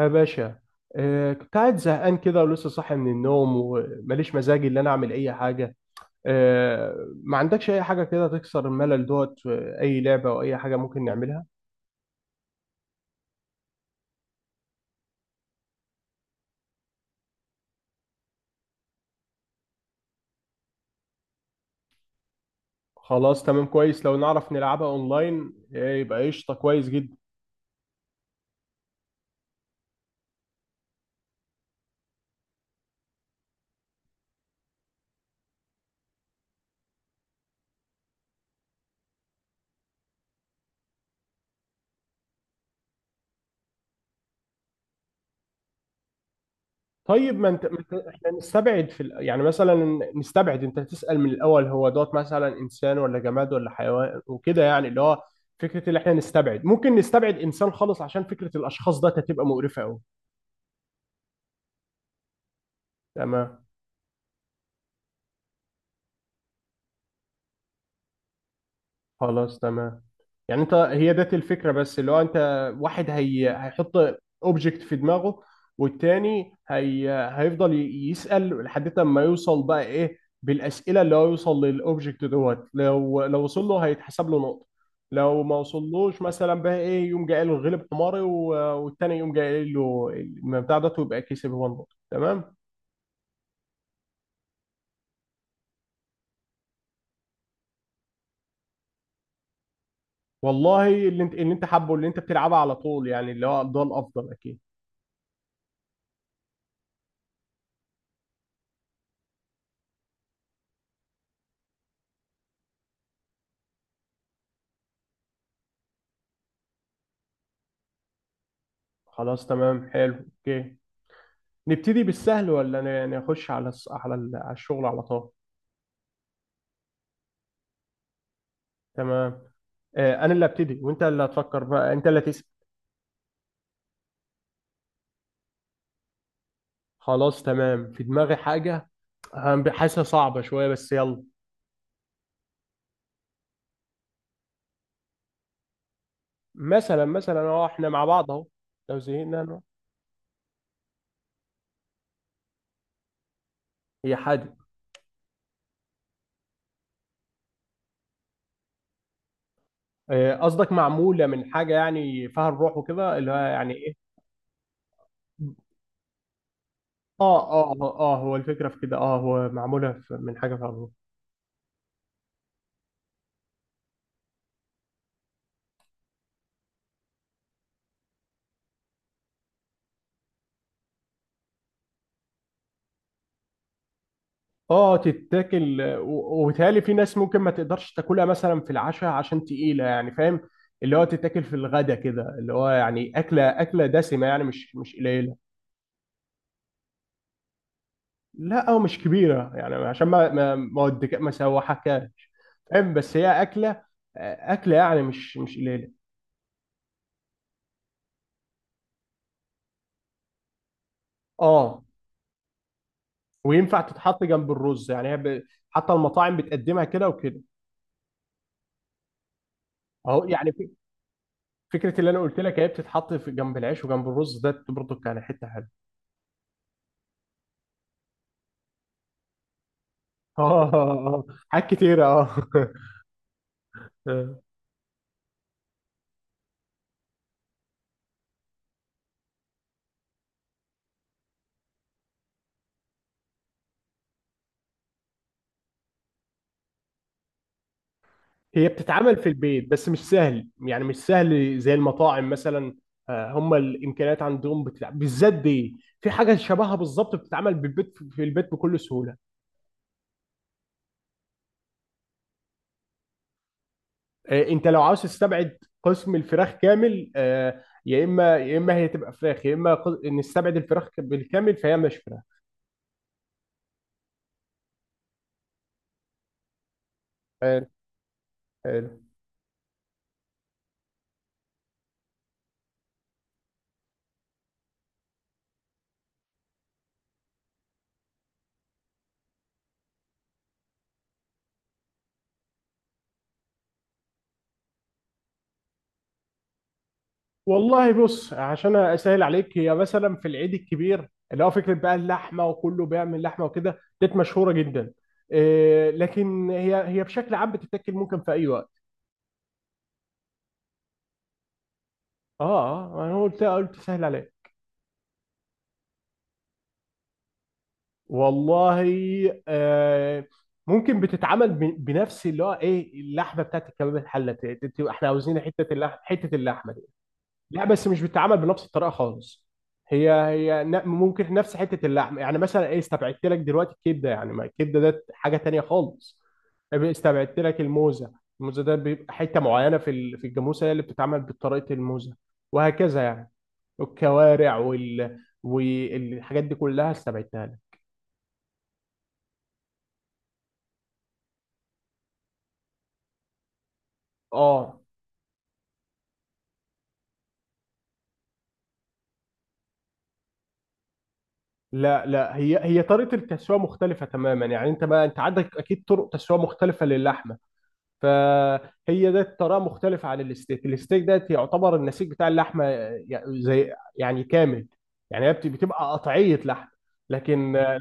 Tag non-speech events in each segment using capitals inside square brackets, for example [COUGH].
يا باشا. كنت قاعد زهقان كده ولسه صاحي من النوم وماليش مزاج اللي انا اعمل اي حاجه. آه. ما عندكش اي حاجه كده تكسر الملل دوت، اي لعبه او اي حاجه ممكن نعملها؟ خلاص تمام كويس، لو نعرف نلعبها اونلاين يبقى قشطه كويس جدا. طيب ما انت ما انت- احنا نستبعد يعني مثلا نستبعد، انت تسأل من الاول هو دوت مثلا انسان ولا جماد ولا حيوان وكده، يعني اللي هو فكره اللي احنا نستبعد. ممكن نستبعد انسان خالص عشان فكره الاشخاص ده هتبقى مقرفه قوي. تمام. خلاص تمام، يعني انت هي ديت الفكرة، بس اللي هو انت واحد هي هيحط اوبجكت في دماغه، والتاني هي هيفضل يسأل لحد ما يوصل بقى ايه بالأسئلة اللي هو يوصل للاوبجكت دوت. لو وصل له هيتحسب له نقطة. لو ما وصلوش مثلا بقى ايه، يقوم جاي قايل له غلب حماري والتاني يقوم جاي قايل له المبدأ ده ويبقى كسب هو النقطة. تمام. والله اللي انت حابه، اللي انت بتلعبها على طول، يعني اللي هو ده الافضل اكيد. خلاص تمام حلو. اوكي، نبتدي بالسهل ولا نخش على على على الشغل على طول؟ تمام. انا اللي ابتدي وانت اللي هتفكر، بقى انت اللي تسأل. خلاص تمام، في دماغي حاجه. حاسسها صعبه شويه بس يلا. مثلا اهو احنا مع بعض اهو. لو زهقنا هي حادي. آه، قصدك معموله من حاجه يعني فيها الروح وكده، اللي هو يعني ايه؟ اه اه اه آه، هو الفكره في كده، هو معموله من حاجه فيها الروح. اه تتاكل وبيتهيألي في ناس ممكن ما تقدرش تاكلها مثلا في العشاء عشان تقيلة، يعني فاهم. اللي هو تتاكل في الغدا كده، اللي هو يعني أكلة دسمة، يعني مش قليلة. لا أو مش كبيرة يعني عشان ما سوحكهاش. فاهم، بس هي أكلة. يعني مش قليلة. اه وينفع تتحط جنب الرز يعني هي حتى المطاعم بتقدمها كده وكده. اهو يعني فكرة اللي أنا قلت لك هي بتتحط في جنب العيش وجنب الرز ده، برضه كان حتة حلوة. اه اه آه، آه. حاجات كتيرة [LAUGHS] آه. هي بتتعمل في البيت بس مش سهل، يعني مش سهل زي المطاعم مثلا. آه، هم الامكانيات عندهم بتلعب، بالذات دي في حاجة شبهها بالظبط بتتعمل بالبيت في البيت بكل سهولة. آه، انت لو عاوز تستبعد قسم الفراخ كامل، يا اما هي تبقى فراخ، يا اما نستبعد الفراخ بالكامل فهي مش فراخ. حلو. حلو. والله بص، عشان اسهل عليك هي مثلا في العيد الكبير، اللي هو فكره بقى اللحمه، وكله بيعمل لحمه وكده، ديت مشهوره جدا. إيه لكن هي بشكل عام بتتاكل ممكن في اي وقت. اه اه، انا قلت سهل عليك. والله. آه ممكن بتتعمل بنفس اللي هو ايه اللحمه بتاعت الكباب الحله، تبقى احنا عاوزين حته اللحمه حته اللحمه. لا بس مش بتتعمل بنفس الطريقه خالص. هي ممكن نفس حته اللحم، يعني مثلا ايه استبعدت لك دلوقتي الكبده، يعني ما الكبده ده حاجه تانية خالص. استبعدت لك الموزه. الموزه ده بيبقى حته معينه في الجاموسه، هي اللي بتتعمل بطريقه الموزه. وهكذا يعني. الكوارع والحاجات دي كلها استبعدتها لك. اه. لا لا، هي طريقه التسويه مختلفه تماما، يعني انت ما انت عندك اكيد طرق تسويه مختلفه للحمه. فهي ده طريقه مختلفه عن الستيك. الستيك ده يعتبر النسيج بتاع اللحمه، زي يعني كامل. يعني هي بتبقى قطعيه لحم. لكن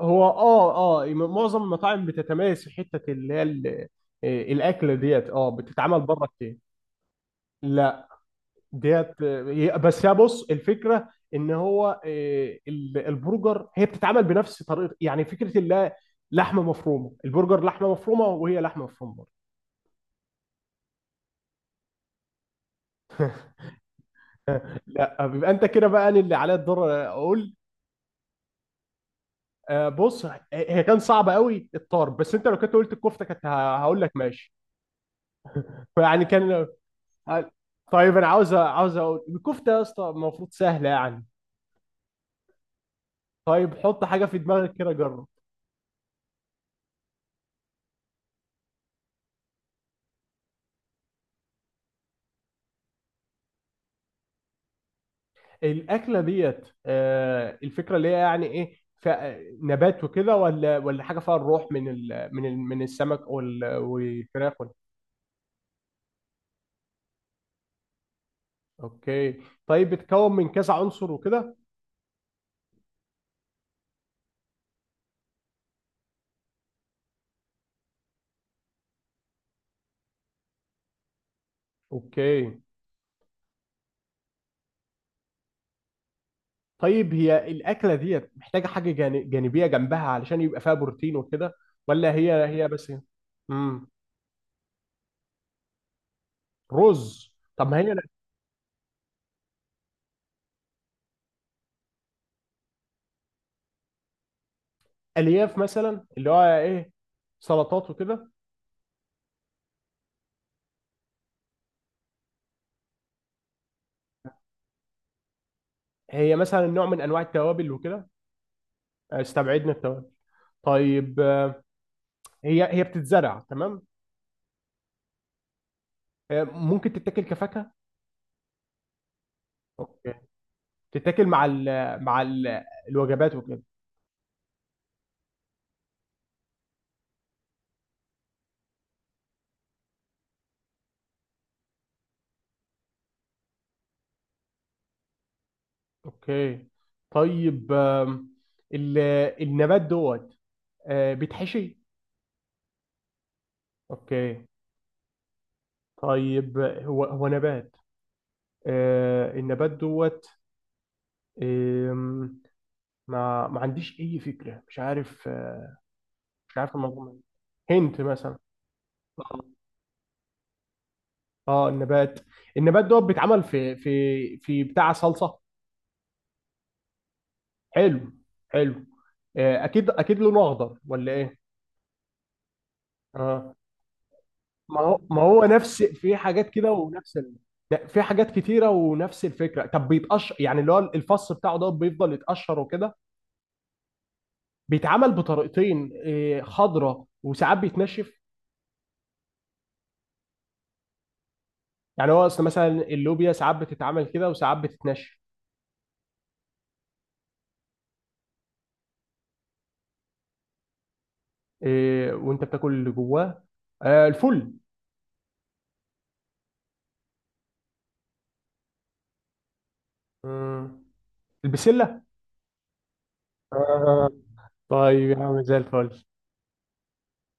هو معظم المطاعم بتتميز في حته اللي هي الاكل ديت بتتعمل بره كتير. لا. ديت بس يا بص الفكره ان هو البرجر هي بتتعمل بنفس طريقه، يعني فكره اللي هي لحمه مفرومه، البرجر لحمه مفرومه وهي لحمه مفرومه. لا، بيبقى انت كده بقى، انا اللي عليا الدور اقول. آه، بص. هي كان صعبه قوي الطرب، بس انت لو كنت قلت الكفته كنت هقول لك ماشي. فيعني كان. ه- طيب انا عاوز، اقول الكفته يا اسطى، المفروض سهله يعني. طيب حط حاجه في دماغك كده جرب. الاكله ديت، آه، الفكره اللي هي يعني ايه، نبات وكده ولا حاجه فيها الروح، من السمك والفراخ اوكي. طيب بتتكون من كذا عنصر وكده؟ اوكي. طيب هي الأكلة ديت محتاجة حاجة جانبية جنبها علشان يبقى فيها بروتين وكده، ولا هي بس؟ امم رز، طب ما هي الألياف مثلا، اللي هو إيه، سلطات وكده. هي مثلا نوع من أنواع التوابل وكده؟ استبعدنا التوابل. طيب. هي بتتزرع تمام؟ ممكن تتاكل كفاكهة؟ اوكي. تتاكل مع الوجبات وكده. اوكي. طيب. ال- النبات دوت، بيتحشي؟ اوكي. طيب هو نبات. آه النبات دوت. آم، ما عنديش اي فكره مش عارف، مش عارف الموضوع ده. هنت مثلا. آه. اه النبات دوت بيتعمل في بتاع صلصه. حلو. حلو. آه اكيد اكيد، لونه اخضر ولا ايه؟ اه، ما هو نفس في حاجات كده ونفس لا، في حاجات كتيره ونفس الفكره. طب بيتقشر، يعني اللي هو الفص بتاعه ده بيفضل يتقشر وكده. بيتعمل بطريقتين، خضره وساعات بيتنشف. يعني هو اصل مثلا اللوبيا ساعات بتتعمل كده وساعات بتتنشف. إيه، وانت بتاكل اللي جواه. آه، الفل. مم. البسله. آه. طيب يا عم زي الفل.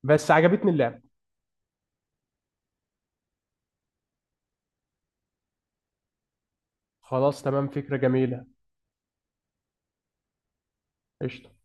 بس عجبتني اللعبه. خلاص تمام فكره جميله. قشطه.